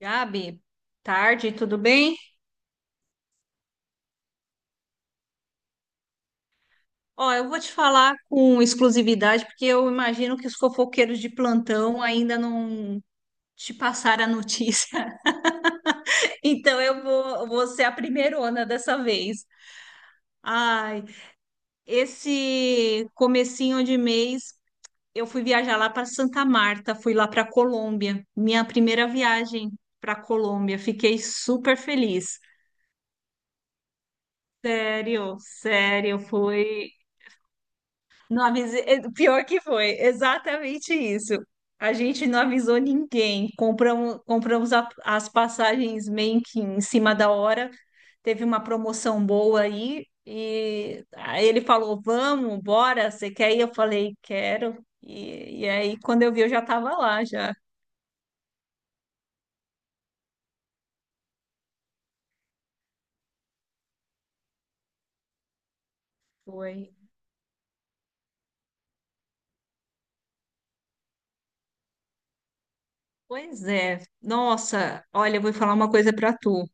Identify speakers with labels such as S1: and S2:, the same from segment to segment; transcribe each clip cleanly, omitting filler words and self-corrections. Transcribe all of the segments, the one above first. S1: Gabi, tarde, tudo bem? Ó, eu vou te falar com exclusividade, porque eu imagino que os fofoqueiros de plantão ainda não te passaram a notícia. Então eu vou ser a primeirona dessa vez. Ai, esse comecinho de mês eu fui viajar lá para Santa Marta, fui lá para Colômbia, minha primeira viagem para Colômbia. Fiquei super feliz. Sério, sério, foi. Não avisei. É, pior que foi, exatamente isso. A gente não avisou ninguém. Compramos as passagens meio que em cima da hora. Teve uma promoção boa aí. E aí ele falou: vamos, bora, você quer ir? Eu falei: quero. E aí, quando eu vi, eu já estava lá, já. Foi. Pois é. Nossa, olha, eu vou falar uma coisa para tu.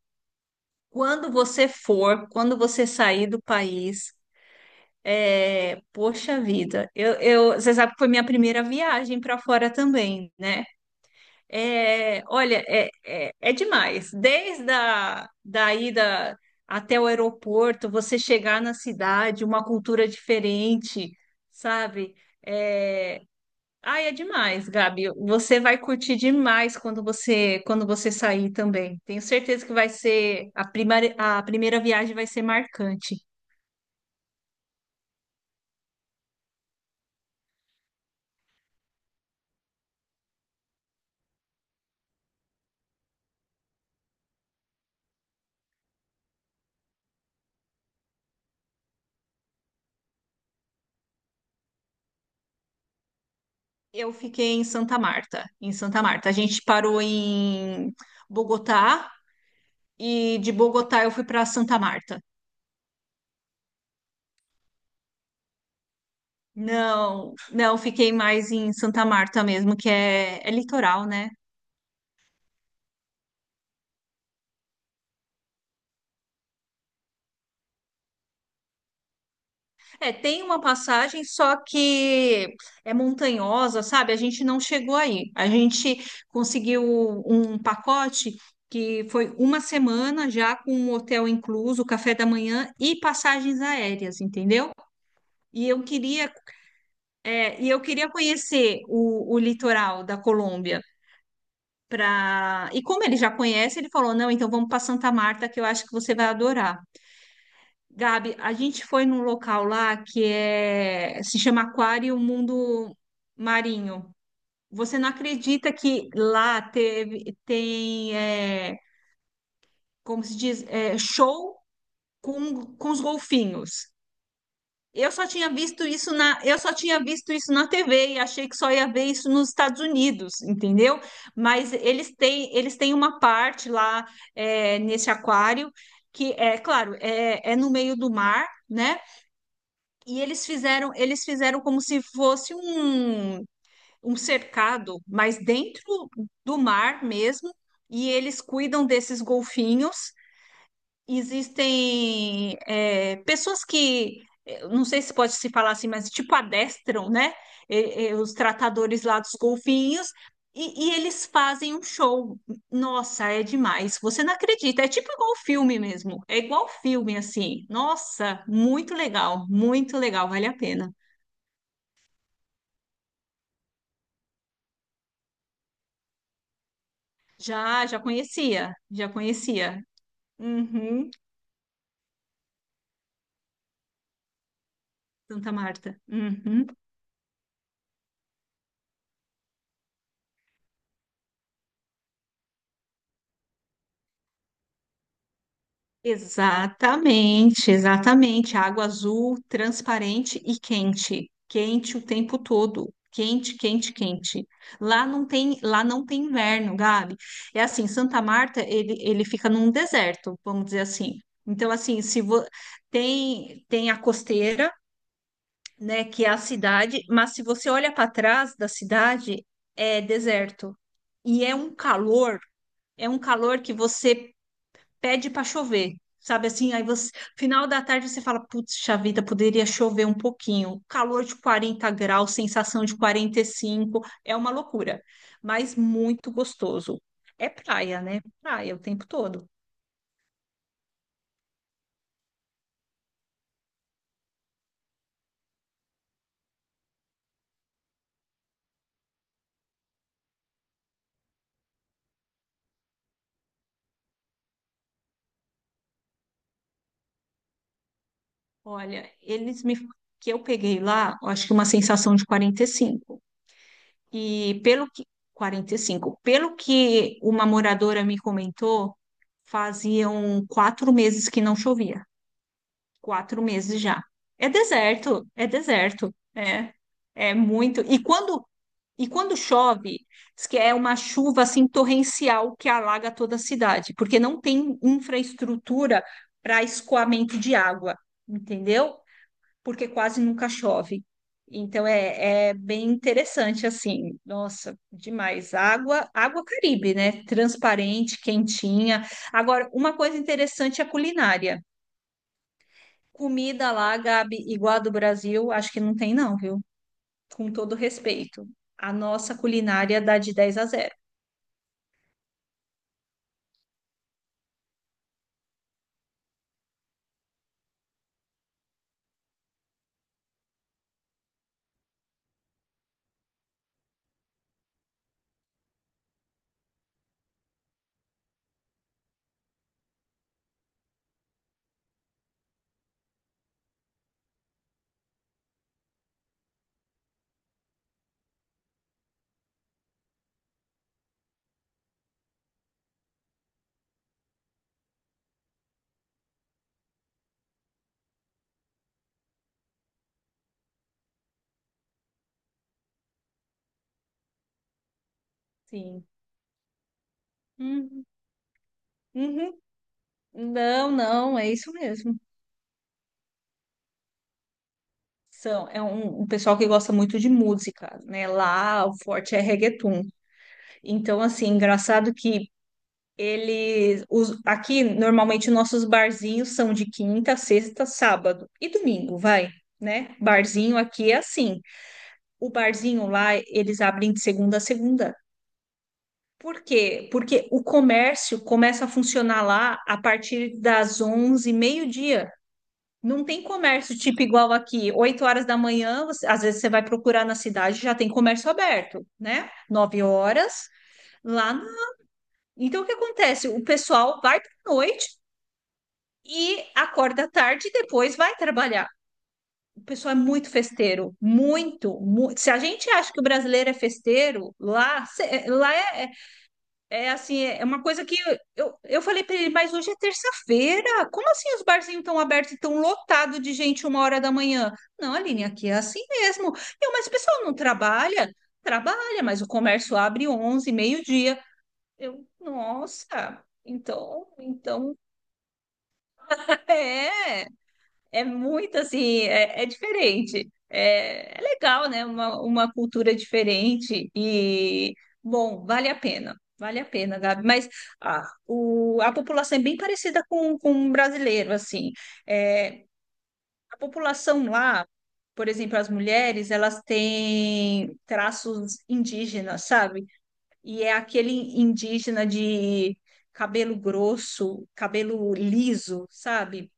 S1: Quando você sair do país, é, poxa vida, você sabe que foi minha primeira viagem para fora também, né? É, olha, é demais. Desde a da ida até o aeroporto, você chegar na cidade, uma cultura diferente, sabe? É, ai, é demais, Gabi. Você vai curtir demais quando você sair também. Tenho certeza que vai ser a primeira viagem vai ser marcante. Eu fiquei em Santa Marta, em Santa Marta. A gente parou em Bogotá e de Bogotá eu fui para Santa Marta. Não, não, fiquei mais em Santa Marta mesmo, que é litoral, né? É, tem uma passagem, só que é montanhosa, sabe? A gente não chegou aí. A gente conseguiu um pacote que foi uma semana já com um hotel incluso, café da manhã e passagens aéreas, entendeu? E eu queria e eu queria conhecer o litoral da Colômbia pra... E como ele já conhece, ele falou: não, então vamos para Santa Marta, que eu acho que você vai adorar. Gabi, a gente foi num local lá que se chama Aquário Mundo Marinho. Você não acredita que lá teve, tem, como se diz, show com os golfinhos. Eu só tinha visto isso na TV e achei que só ia ver isso nos Estados Unidos, entendeu? Mas eles têm uma parte lá, nesse aquário que é, claro, é no meio do mar, né? E eles fizeram como se fosse um cercado, mas dentro do mar mesmo. E eles cuidam desses golfinhos. Existem pessoas que, eu não sei se pode se falar assim, mas tipo adestram, né? E os tratadores lá dos golfinhos. E eles fazem um show. Nossa, é demais. Você não acredita. É tipo igual filme mesmo. É igual filme, assim. Nossa, muito legal. Muito legal. Vale a pena. Já, já conhecia. Já conhecia. Uhum. Santa Marta. Uhum. Exatamente, exatamente. Água azul, transparente e quente. Quente o tempo todo. Quente, quente, quente. Lá não tem inverno, Gabi. É assim, Santa Marta, ele fica num deserto, vamos dizer assim. Então, assim, se vo... tem a costeira, né, que é a cidade, mas se você olha para trás da cidade, é deserto. E é um calor que você pede para chover, sabe assim? Aí você, final da tarde, você fala, putz, vida, poderia chover um pouquinho. Calor de 40 graus, sensação de 45, é uma loucura, mas muito gostoso. É praia, né? Praia o tempo todo. Olha, eles me que eu peguei lá, eu acho que uma sensação de 45. E cinco. E pelo que 45, pelo que uma moradora me comentou, faziam 4 meses que não chovia. 4 meses já. É deserto, é deserto. É muito. E quando chove, diz que é uma chuva assim torrencial que alaga toda a cidade, porque não tem infraestrutura para escoamento de água, entendeu? Porque quase nunca chove. Então é bem interessante assim. Nossa, demais. Água Caribe, né? Transparente, quentinha. Agora, uma coisa interessante é a culinária. Comida lá, Gabi, igual a do Brasil, acho que não tem não, viu? Com todo respeito. A nossa culinária dá de dez a zero. Sim. Uhum. Uhum. Não, não, é isso mesmo. É um pessoal que gosta muito de música, né? Lá o forte é reggaeton. Então, assim, engraçado que eles. Os, aqui, normalmente, nossos barzinhos são de quinta, sexta, sábado e domingo, vai, né? Barzinho aqui é assim. O barzinho lá, eles abrem de segunda a segunda. Por quê? Porque o comércio começa a funcionar lá a partir das 11, meio-dia. Não tem comércio tipo igual aqui, 8 horas da manhã, às vezes você vai procurar na cidade, já tem comércio aberto, né? 9 horas lá. Então o que acontece? O pessoal vai para noite e acorda à tarde e depois vai trabalhar. O pessoal é muito festeiro, muito, muito. Se a gente acha que o brasileiro é festeiro, lá. É assim, é uma coisa que eu falei para ele, mas hoje é terça-feira. Como assim os barzinhos estão abertos e estão lotados de gente 1 hora da manhã? Não, Aline, aqui é assim mesmo. Mas o pessoal não trabalha? Trabalha, mas o comércio abre 11 meio-dia. Nossa, então, é. É muito assim, é diferente. É legal, né? Uma cultura diferente e, bom, vale a pena. Vale a pena, Gabi. Mas, ah, a população é bem parecida com o brasileiro, assim. É, a população lá, por exemplo, as mulheres, elas têm traços indígenas, sabe? E é aquele indígena de cabelo grosso, cabelo liso, sabe?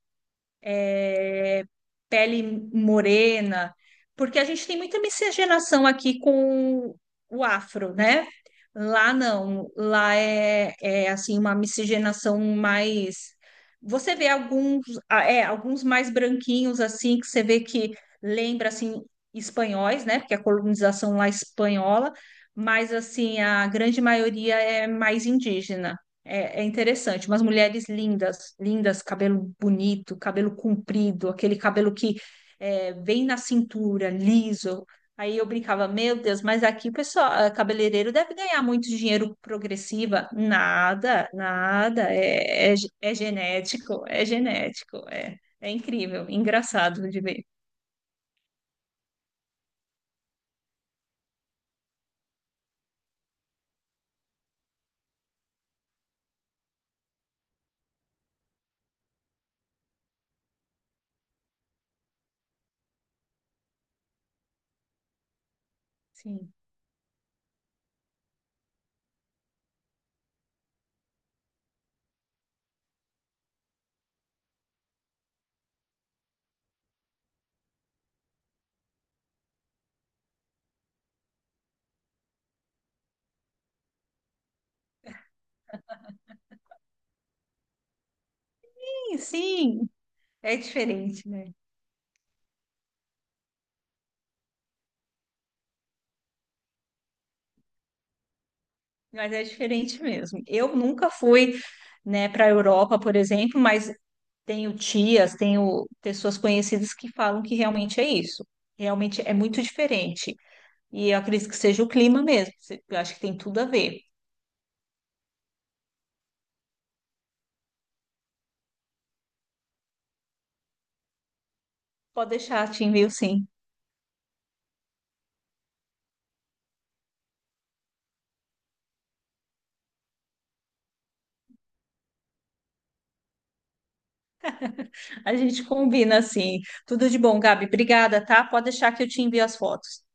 S1: é, pele morena, porque a gente tem muita miscigenação aqui com o afro, né? Lá não, lá é assim uma miscigenação mais. Você vê alguns mais branquinhos assim que você vê que lembra assim espanhóis, né? Porque a colonização lá é espanhola, mas assim a grande maioria é mais indígena. É interessante, umas mulheres lindas, lindas, cabelo bonito, cabelo comprido, aquele cabelo que vem na cintura, liso. Aí eu brincava, meu Deus, mas aqui o pessoal, ah, cabeleireiro deve ganhar muito dinheiro progressiva. Nada, nada, é genético, é genético, é incrível, engraçado de ver. Sim, sim, sim, é diferente, né? Mas é diferente mesmo. Eu nunca fui, né, para a Europa, por exemplo, mas tenho tias, tenho pessoas conhecidas que falam que realmente é isso. Realmente é muito diferente. E eu acredito que seja o clima mesmo. Eu acho que tem tudo a ver. Pode deixar, te envio sim. A gente combina assim. Tudo de bom, Gabi. Obrigada, tá? Pode deixar que eu te envio as fotos.